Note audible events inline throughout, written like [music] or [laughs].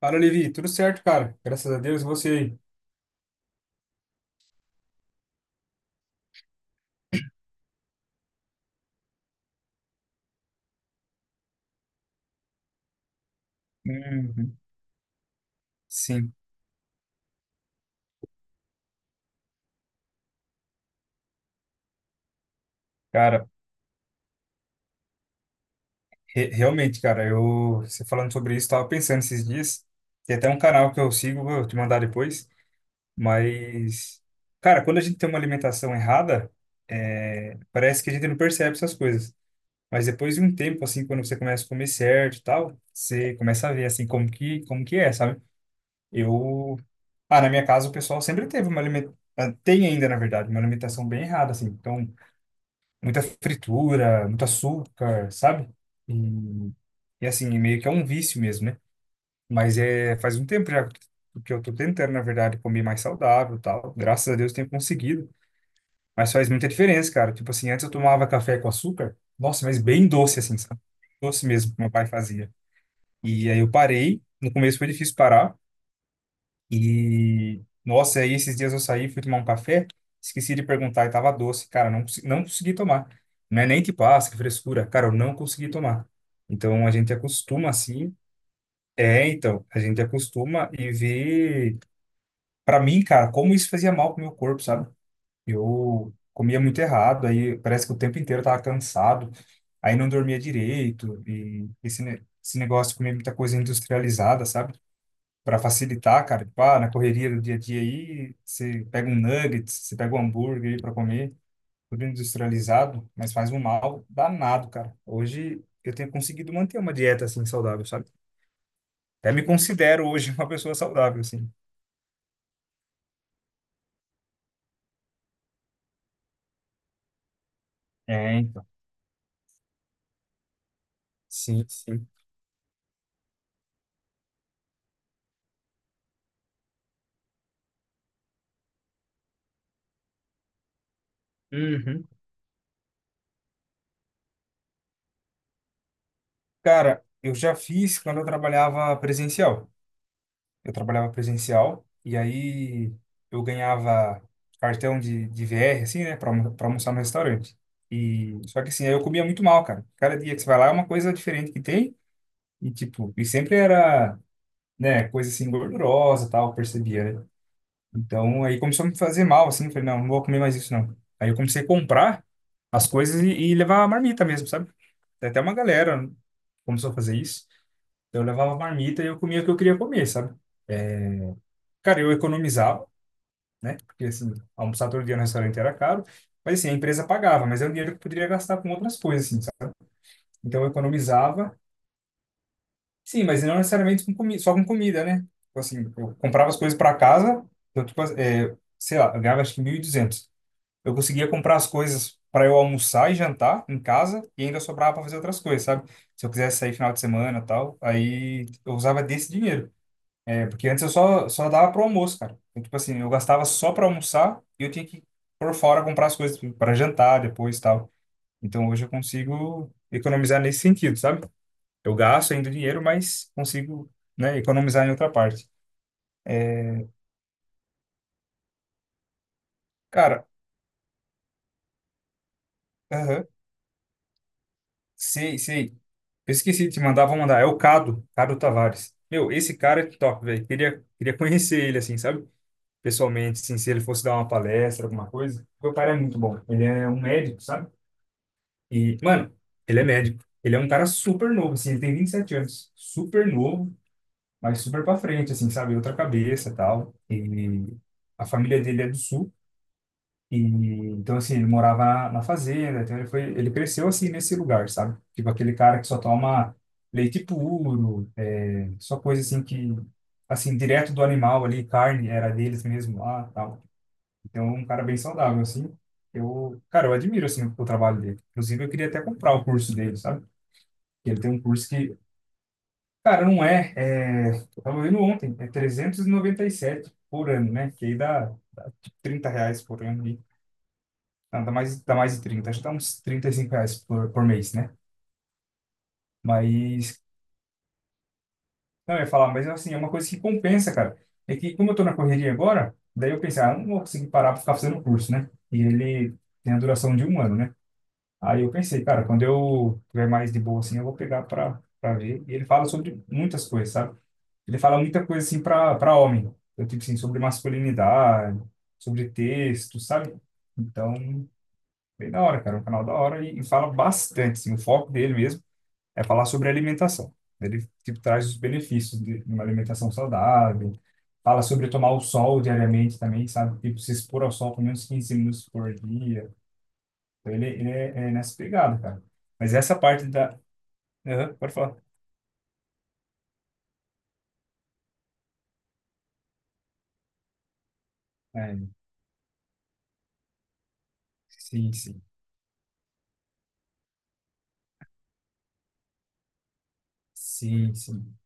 Fala, Levi. Tudo certo, cara? Graças a Deus, e você aí. Uhum. Sim, cara, realmente, cara, eu, você falando sobre isso, tava pensando esses dias, tem até um canal que eu sigo, vou te mandar depois, mas, cara, quando a gente tem uma alimentação errada, é, parece que a gente não percebe essas coisas, mas depois de um tempo, assim, quando você começa a comer certo e tal, você começa a ver, assim, como que é, sabe? Eu, ah, na minha casa o pessoal sempre teve uma alimentação, tem ainda, na verdade, uma alimentação bem errada, assim, então muita fritura, muito açúcar, sabe? E, e assim, meio que é um vício mesmo, né? Mas é faz um tempo já que eu tô tentando, na verdade, comer mais saudável, e tal. Graças a Deus tenho conseguido, mas faz muita diferença, cara. Tipo assim, antes eu tomava café com açúcar, nossa, mas bem doce assim, sabe? Doce mesmo que meu pai fazia. E aí eu parei, no começo foi difícil parar, e, nossa, aí esses dias eu saí, fui tomar um café, esqueci de perguntar e tava doce. Cara, não, não consegui tomar. Não é nem tipo, ah, que frescura. Cara, eu não consegui tomar. Então, a gente acostuma assim. É, então, a gente acostuma e vê. Pra mim, cara, como isso fazia mal pro meu corpo, sabe? Eu comia muito errado, aí parece que o tempo inteiro eu tava cansado, aí não dormia direito, e esse negócio de comer muita coisa industrializada, sabe? Para facilitar, cara. Tipo, ah, na correria do dia a dia aí, você pega um nugget, você pega um hambúrguer aí para comer, tudo industrializado, mas faz um mal danado, cara. Hoje eu tenho conseguido manter uma dieta assim saudável, sabe? Até me considero hoje [laughs] uma pessoa saudável, assim. É, então. Sim, sim. Uhum. Cara, eu já fiz quando eu trabalhava presencial. Eu trabalhava presencial e aí eu ganhava cartão de VR, assim, né, para almoçar no restaurante. E só que assim, aí eu comia muito mal, cara. Cada dia que você vai lá é uma coisa diferente que tem e tipo, e sempre era, né, coisa assim gordurosa, e tal, eu percebia, né? Então, aí começou a me fazer mal, assim, eu falei, não, não vou comer mais isso não. Aí eu comecei a comprar as coisas e levar a marmita mesmo, sabe? Tem até uma galera começou a fazer isso. Então eu levava a marmita e eu comia o que eu queria comer, sabe? É, cara, eu economizava, né? Porque assim, almoçar todo dia no restaurante era caro, mas assim, a empresa pagava, mas era um dinheiro que eu poderia gastar com outras coisas, assim, sabe? Então eu economizava, sim, mas não necessariamente com comi só com comida, né? Tipo assim, eu comprava as coisas para casa, eu, tipo, é, sei lá, eu ganhava acho que 1.200. Eu conseguia comprar as coisas para eu almoçar e jantar em casa e ainda sobrava para fazer outras coisas, sabe? Se eu quisesse sair final de semana, e tal, aí eu usava desse dinheiro. É porque antes eu só dava pro almoço, cara. Então tipo assim, eu gastava só pra almoçar e eu tinha que ir por fora comprar as coisas para jantar depois e tal. Então hoje eu consigo economizar nesse sentido, sabe? Eu gasto ainda dinheiro, mas consigo, né, economizar em outra parte. Cara, aham, sei. Eu esqueci de te mandar, vou mandar. É o Cado, Cado Tavares. Meu, esse cara é top, velho. Queria conhecer ele, assim, sabe? Pessoalmente, assim, se ele fosse dar uma palestra, alguma coisa. Porque o cara é muito bom. Ele é um médico, sabe? E, mano, ele é médico. Ele é um cara super novo, assim, ele tem 27 anos. Super novo, mas super pra frente, assim, sabe? Outra cabeça e tal. E a família dele é do sul. E, então, assim, ele morava na fazenda. Então, ele foi, ele cresceu, assim, nesse lugar, sabe? Tipo aquele cara que só toma leite puro, é, só coisa, assim, que assim, direto do animal ali, carne era deles mesmo lá, tal. Então, é um cara bem saudável, assim. Eu, cara, eu admiro, assim, o trabalho dele. Inclusive, eu queria até comprar o curso dele, sabe? Ele tem um curso que, cara, não é, é, eu tava vendo ontem, é 397 por ano, né? Que aí dá 30 reais por ano, e, não, dá mais de 30, acho que dá uns 35 reais por mês, né? Mas, não, eu ia falar, mas assim, é uma coisa que compensa, cara. É que como eu tô na correria agora, daí eu pensei, ah, eu não vou conseguir parar pra ficar fazendo curso, né? E ele tem a duração de um ano, né? Aí eu pensei, cara, quando eu tiver mais de boa assim, eu vou pegar pra, pra ver. E ele fala sobre muitas coisas, sabe? Ele fala muita coisa assim para homem, então, tipo assim, sobre masculinidade, sobre texto, sabe? Então, bem da hora, cara, é um canal da hora e fala bastante, assim, o foco dele mesmo é falar sobre alimentação. Ele tipo traz os benefícios de uma alimentação saudável, fala sobre tomar o sol diariamente também, sabe? Tipo, se expor ao sol pelo menos 15 minutos por dia. Então, ele é, é nessa pegada, cara. Mas essa parte da... Aham, pode falar. É, sim, sim. Sim, sim.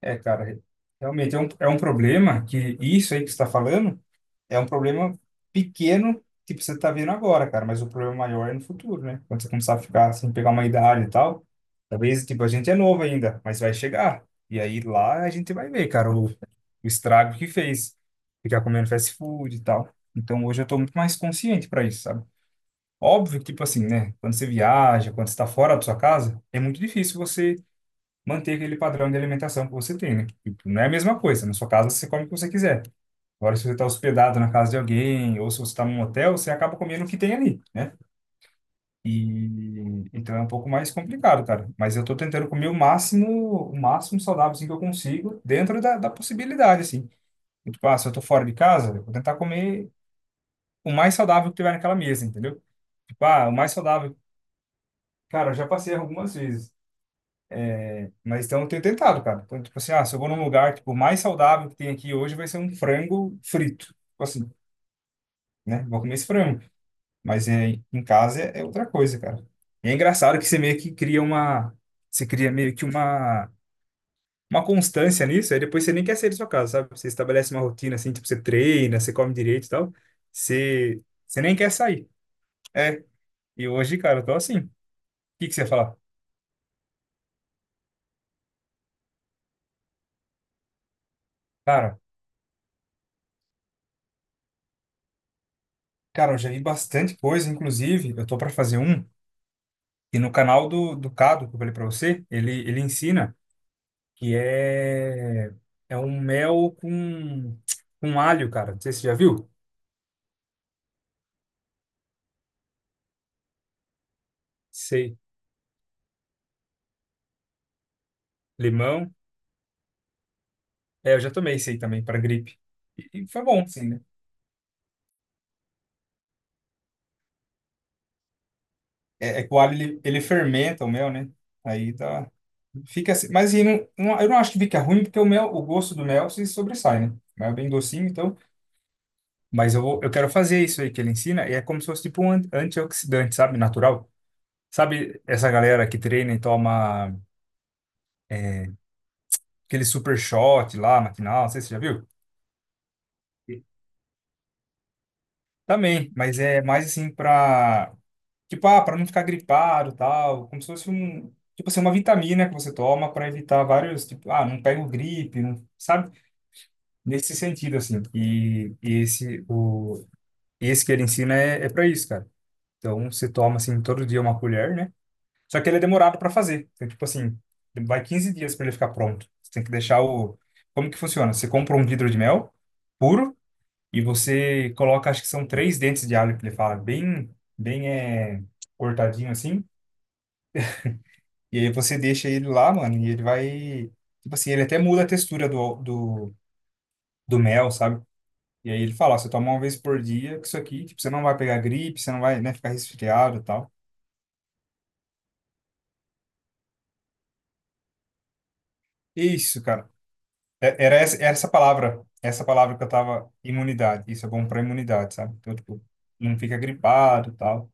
É, cara, realmente é um problema que isso aí que você está falando é um problema pequeno que você está vendo agora, cara, mas o problema maior é no futuro, né? Quando você começar a ficar sem pegar uma idade e tal, talvez, tipo, a gente é novo ainda, mas vai chegar. E aí lá a gente vai ver, cara, o estrago que fez, ficar comendo fast food e tal. Então hoje eu tô muito mais consciente para isso, sabe? Óbvio que, tipo assim, né? Quando você viaja, quando você tá fora da sua casa, é muito difícil você manter aquele padrão de alimentação que você tem, né? Tipo, não é a mesma coisa. Na sua casa, você come o que você quiser. Agora, se você está hospedado na casa de alguém, ou se você está num hotel, você acaba comendo o que tem ali, né? E então é um pouco mais complicado, cara. Mas eu tô tentando comer o máximo saudável assim, que eu consigo, dentro da possibilidade, assim. Tipo, ah, se eu tô fora de casa, eu vou tentar comer o mais saudável que tiver naquela mesa, entendeu? Tipo, ah, o mais saudável. Cara, eu já passei algumas vezes. Mas então eu tenho tentado, cara. Então, tipo assim, ah, se eu vou num lugar, tipo, o mais saudável que tem aqui hoje vai ser um frango frito. Tipo assim, né? Vou comer esse frango. Mas é, em casa é, é outra coisa, cara. E é engraçado que você meio que cria uma... Você cria meio que uma... Uma constância nisso, aí depois você nem quer sair da sua casa, sabe? Você estabelece uma rotina assim, tipo, você treina, você come direito e tal. Você nem quer sair. É. E hoje, cara, eu tô assim. O que que você ia falar? Cara, cara, eu já vi bastante coisa, inclusive, eu tô pra fazer um. E no canal do Cado, que eu falei para você, ele ensina que é, é um mel com alho, cara. Não sei se você já viu. Sei. Limão. É, eu já tomei esse aí também, para gripe. E foi bom, sim, né? É, é que o alho, ele fermenta o mel, né? Aí dá, fica assim. Mas e não, eu não acho que fica ruim, porque o mel, o gosto do mel se sobressai, né? O mel é bem docinho, então. Mas eu, vou, eu quero fazer isso aí que ele ensina, e é como se fosse tipo um antioxidante, sabe? Natural. Sabe essa galera que treina e toma aquele super shot lá, matinal, não sei se você já viu? Sim. Também, mas é mais assim pra, tipo, ah, pra não ficar gripado e tal, como se fosse um, tipo assim, uma vitamina que você toma pra evitar vários, tipo, ah, não pego gripe, não, sabe? Nesse sentido, assim, e esse, o, esse que ele ensina é, é pra isso, cara. Então, você toma, assim, todo dia uma colher, né? Só que ele é demorado para fazer. Então, tipo assim, vai 15 dias para ele ficar pronto. Você tem que deixar o. Como que funciona? Você compra um vidro de mel puro e você coloca, acho que são 3 dentes de alho que ele fala, bem, bem é, cortadinho assim. E aí você deixa ele lá, mano, e ele vai. Tipo assim, ele até muda a textura do mel, sabe? E aí ele fala, ó, você toma uma vez por dia, que isso aqui, tipo, você não vai pegar gripe, você não vai, né, ficar resfriado e tal. É isso, cara. Era essa palavra, essa palavra que eu tava, imunidade. Isso é bom pra imunidade, sabe? Então, tipo, não fica gripado e tal.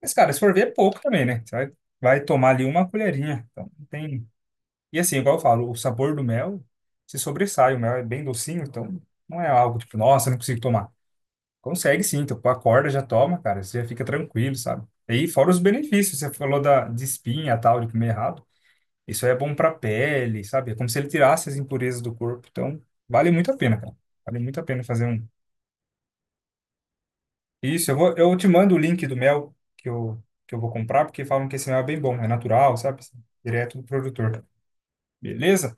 Mas, cara, se for ver, é pouco também, né? Você vai, vai tomar ali uma colherinha. Então, não tem... E assim, igual eu falo, o sabor do mel se sobressai. O mel é bem docinho, então não é algo tipo, nossa, não consigo tomar. Consegue sim, então tipo, acorda, já toma, cara. Você já fica tranquilo, sabe? E aí, fora os benefícios, você falou da, de espinha e tal, de comer errado. Isso aí é bom para a pele, sabe? É como se ele tirasse as impurezas do corpo. Então, vale muito a pena, cara. Vale muito a pena fazer um. Isso, eu vou, eu te mando o link do mel que eu vou comprar, porque falam que esse mel é bem bom, é natural, sabe? Direto do produtor. Beleza?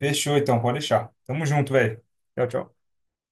Fechou então, pode deixar. Tamo junto, velho. Tchau, tchau.